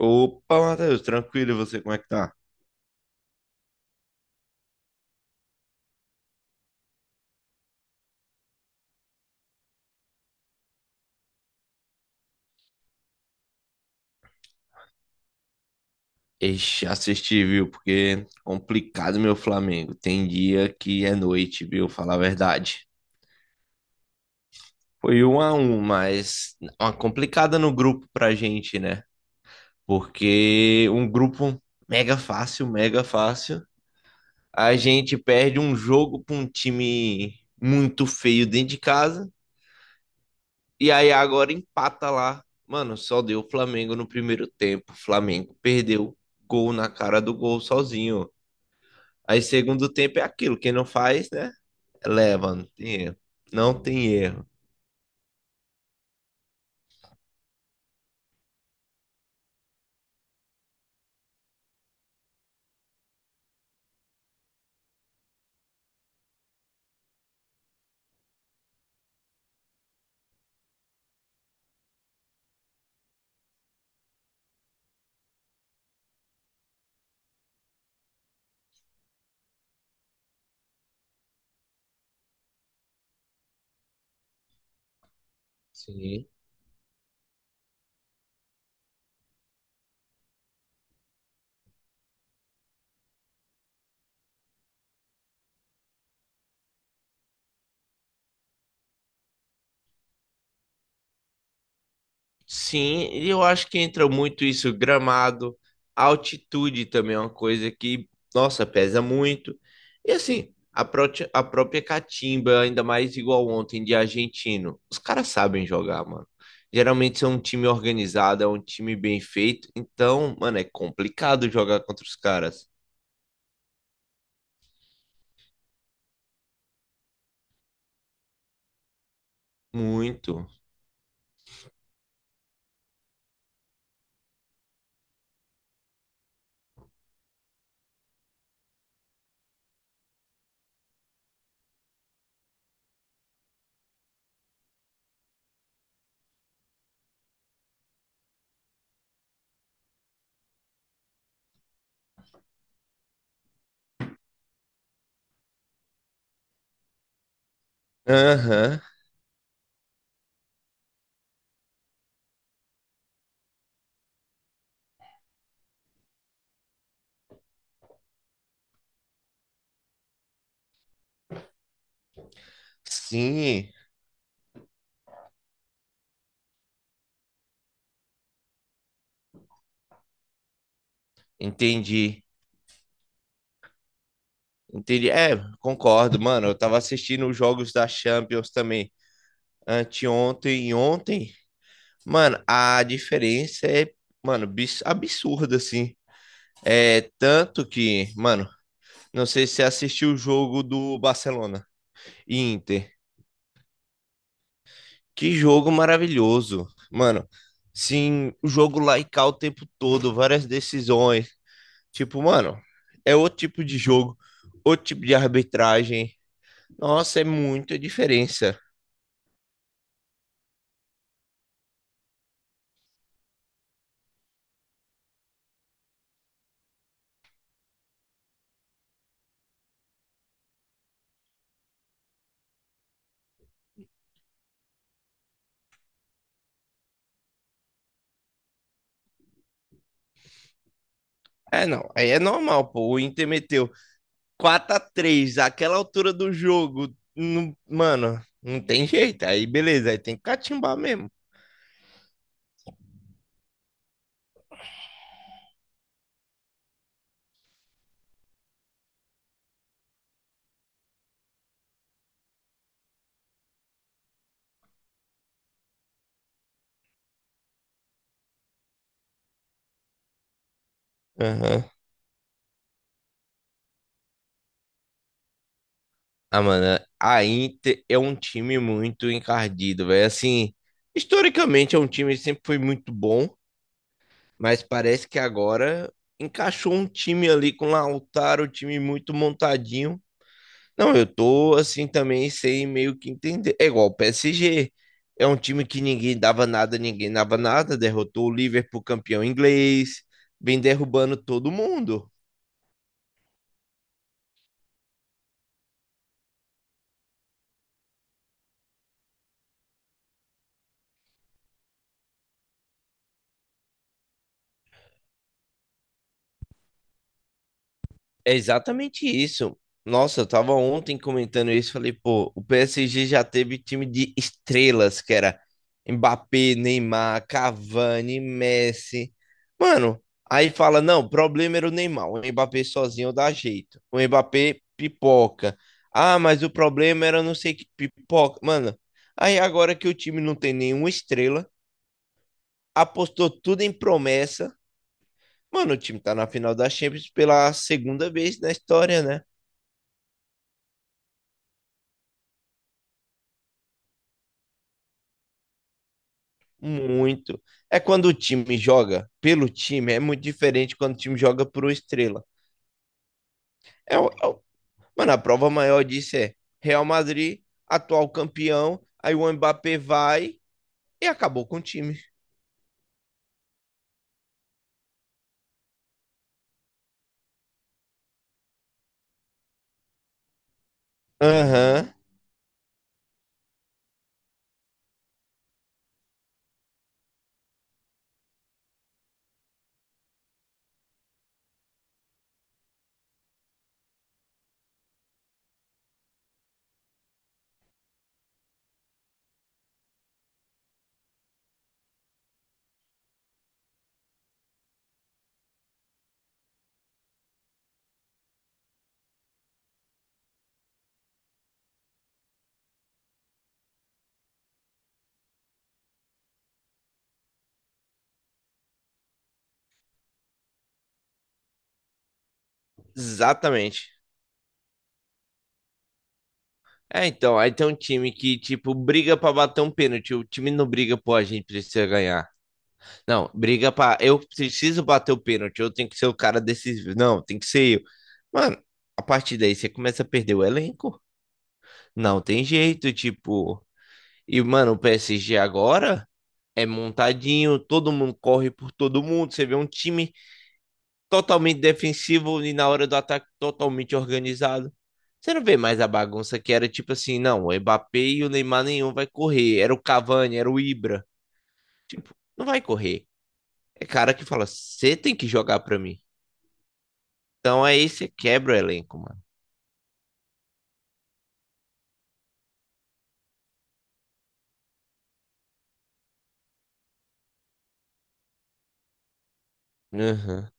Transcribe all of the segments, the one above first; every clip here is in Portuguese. Opa, Matheus, tranquilo, e você como é que tá? Ixi, assisti, viu? Porque complicado meu Flamengo. Tem dia que é noite, viu? Falar a verdade. Foi um a um, mas uma complicada no grupo pra gente, né? Porque um grupo mega fácil, mega fácil. A gente perde um jogo pra um time muito feio dentro de casa. E aí agora empata lá. Mano, só deu o Flamengo no primeiro tempo. O Flamengo perdeu gol na cara do gol sozinho. Aí segundo tempo é aquilo, quem não faz, né? Leva, não tem erro. Não tem erro. Sim. Sim, e eu acho que entra muito isso, gramado, altitude também é uma coisa que, nossa, pesa muito. E assim, a própria catimba, ainda mais igual ontem de argentino, os caras sabem jogar, mano. Geralmente são um time organizado, é um time bem feito, então, mano, é complicado jogar contra os caras. Muito. Aham, sim, entendi. Entendi. É, concordo, mano. Eu tava assistindo os jogos da Champions também, anteontem e ontem, mano, a diferença é, mano, absurda, assim. É tanto que, mano, não sei se você assistiu o jogo do Barcelona e Inter. Que jogo maravilhoso. Mano, sim, o jogo lá e cá o tempo todo, várias decisões. Tipo, mano, é outro tipo de jogo, outro tipo de arbitragem. Nossa, é muita diferença. É, não, aí é normal, pô. O Inter meteu 4 a 3 aquela altura do jogo, mano, não tem jeito. Aí beleza, aí tem que catimbar mesmo. Aham. Ah, mano, a Inter é um time muito encardido, velho. Assim, historicamente é um time que sempre foi muito bom, mas parece que agora encaixou um time ali com o Lautaro, um time muito montadinho. Não, eu tô assim também sem meio que entender. É igual o PSG. É um time que ninguém dava nada, ninguém dava nada. Derrotou o Liverpool campeão inglês. Vem derrubando todo mundo. É exatamente isso. Nossa, eu tava ontem comentando isso, falei, pô, o PSG já teve time de estrelas, que era Mbappé, Neymar, Cavani, Messi. Mano, aí fala, não, o problema era o Neymar, o Mbappé sozinho dá jeito. O Mbappé pipoca. Ah, mas o problema era não sei que pipoca. Mano, aí agora que o time não tem nenhuma estrela, apostou tudo em promessa. Mano, o time tá na final da Champions pela segunda vez na história, né? Muito. É quando o time joga pelo time, é muito diferente quando o time joga por uma estrela. É, o- é o- Mano, a prova maior disso é Real Madrid, atual campeão, aí o Mbappé vai e acabou com o time. Aham, exatamente. É, então, aí tem um time que, tipo, briga pra bater um pênalti. O time não briga, pô, a gente precisa ganhar. Não, briga pra. Eu preciso bater o pênalti, eu tenho que ser o cara decisivo. Não, tem que ser eu. Mano, a partir daí você começa a perder o elenco. Não tem jeito, tipo. E, mano, o PSG agora é montadinho, todo mundo corre por todo mundo. Você vê um time totalmente defensivo e na hora do ataque totalmente organizado. Você não vê mais a bagunça que era tipo assim, não, o Mbappé e o Neymar nenhum vai correr. Era o Cavani, era o Ibra. Tipo, não vai correr. É cara que fala, você tem que jogar pra mim. Então aí você quebra o elenco, mano. Aham.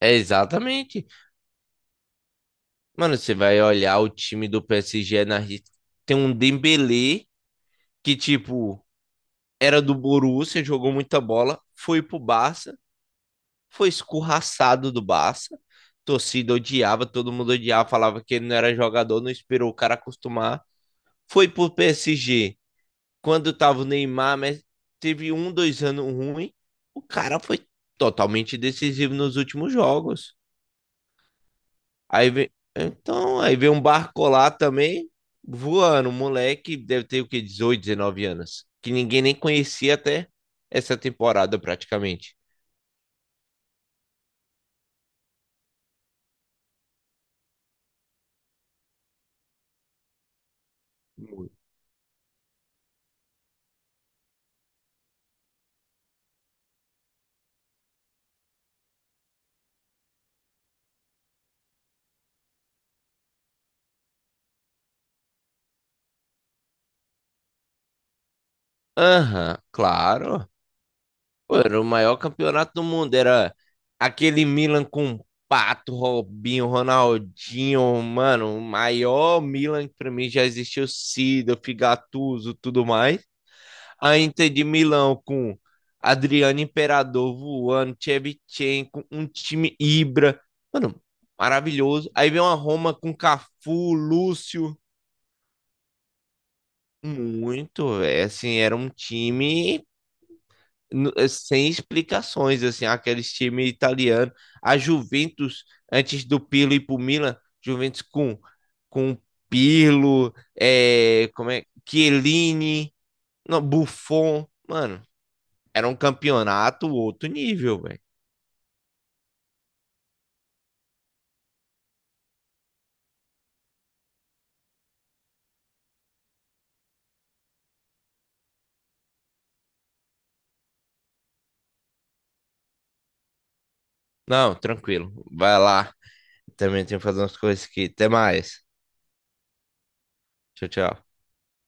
É exatamente. Mano, você vai olhar o time do PSG na Argentina. Tem um Dembélé que tipo era do Borussia, jogou muita bola, foi pro Barça, foi escorraçado do Barça. Torcida odiava, todo mundo odiava, falava que ele não era jogador, não esperou o cara acostumar. Foi pro PSG. Quando tava o Neymar, mas teve um, dois anos ruim, o cara foi totalmente decisivo nos últimos jogos. Aí vem, então, aí vem um barco lá também, voando, um moleque, deve ter o quê? 18, 19 anos, que ninguém nem conhecia até essa temporada praticamente. Aham, claro. Pô, era o maior campeonato do mundo, era aquele Milan com Pato, Robinho, Ronaldinho, mano, o maior Milan que pra mim já existiu, Seedorf, Gattuso, tudo mais. A Inter de Milão com Adriano Imperador voando, Shevchenko, um time Ibra. Mano, maravilhoso. Aí vem uma Roma com Cafu, Lúcio. Muito, velho. Assim, era um time é, sem explicações, assim, aqueles times italianos. A Juventus, antes do Pirlo ir pro Milan, Juventus com Pirlo, é, como é, Chiellini, não, Buffon. Mano, era um campeonato outro nível, velho. Não, tranquilo. Vai lá. Também tenho que fazer umas coisas aqui. Até mais. Tchau, tchau.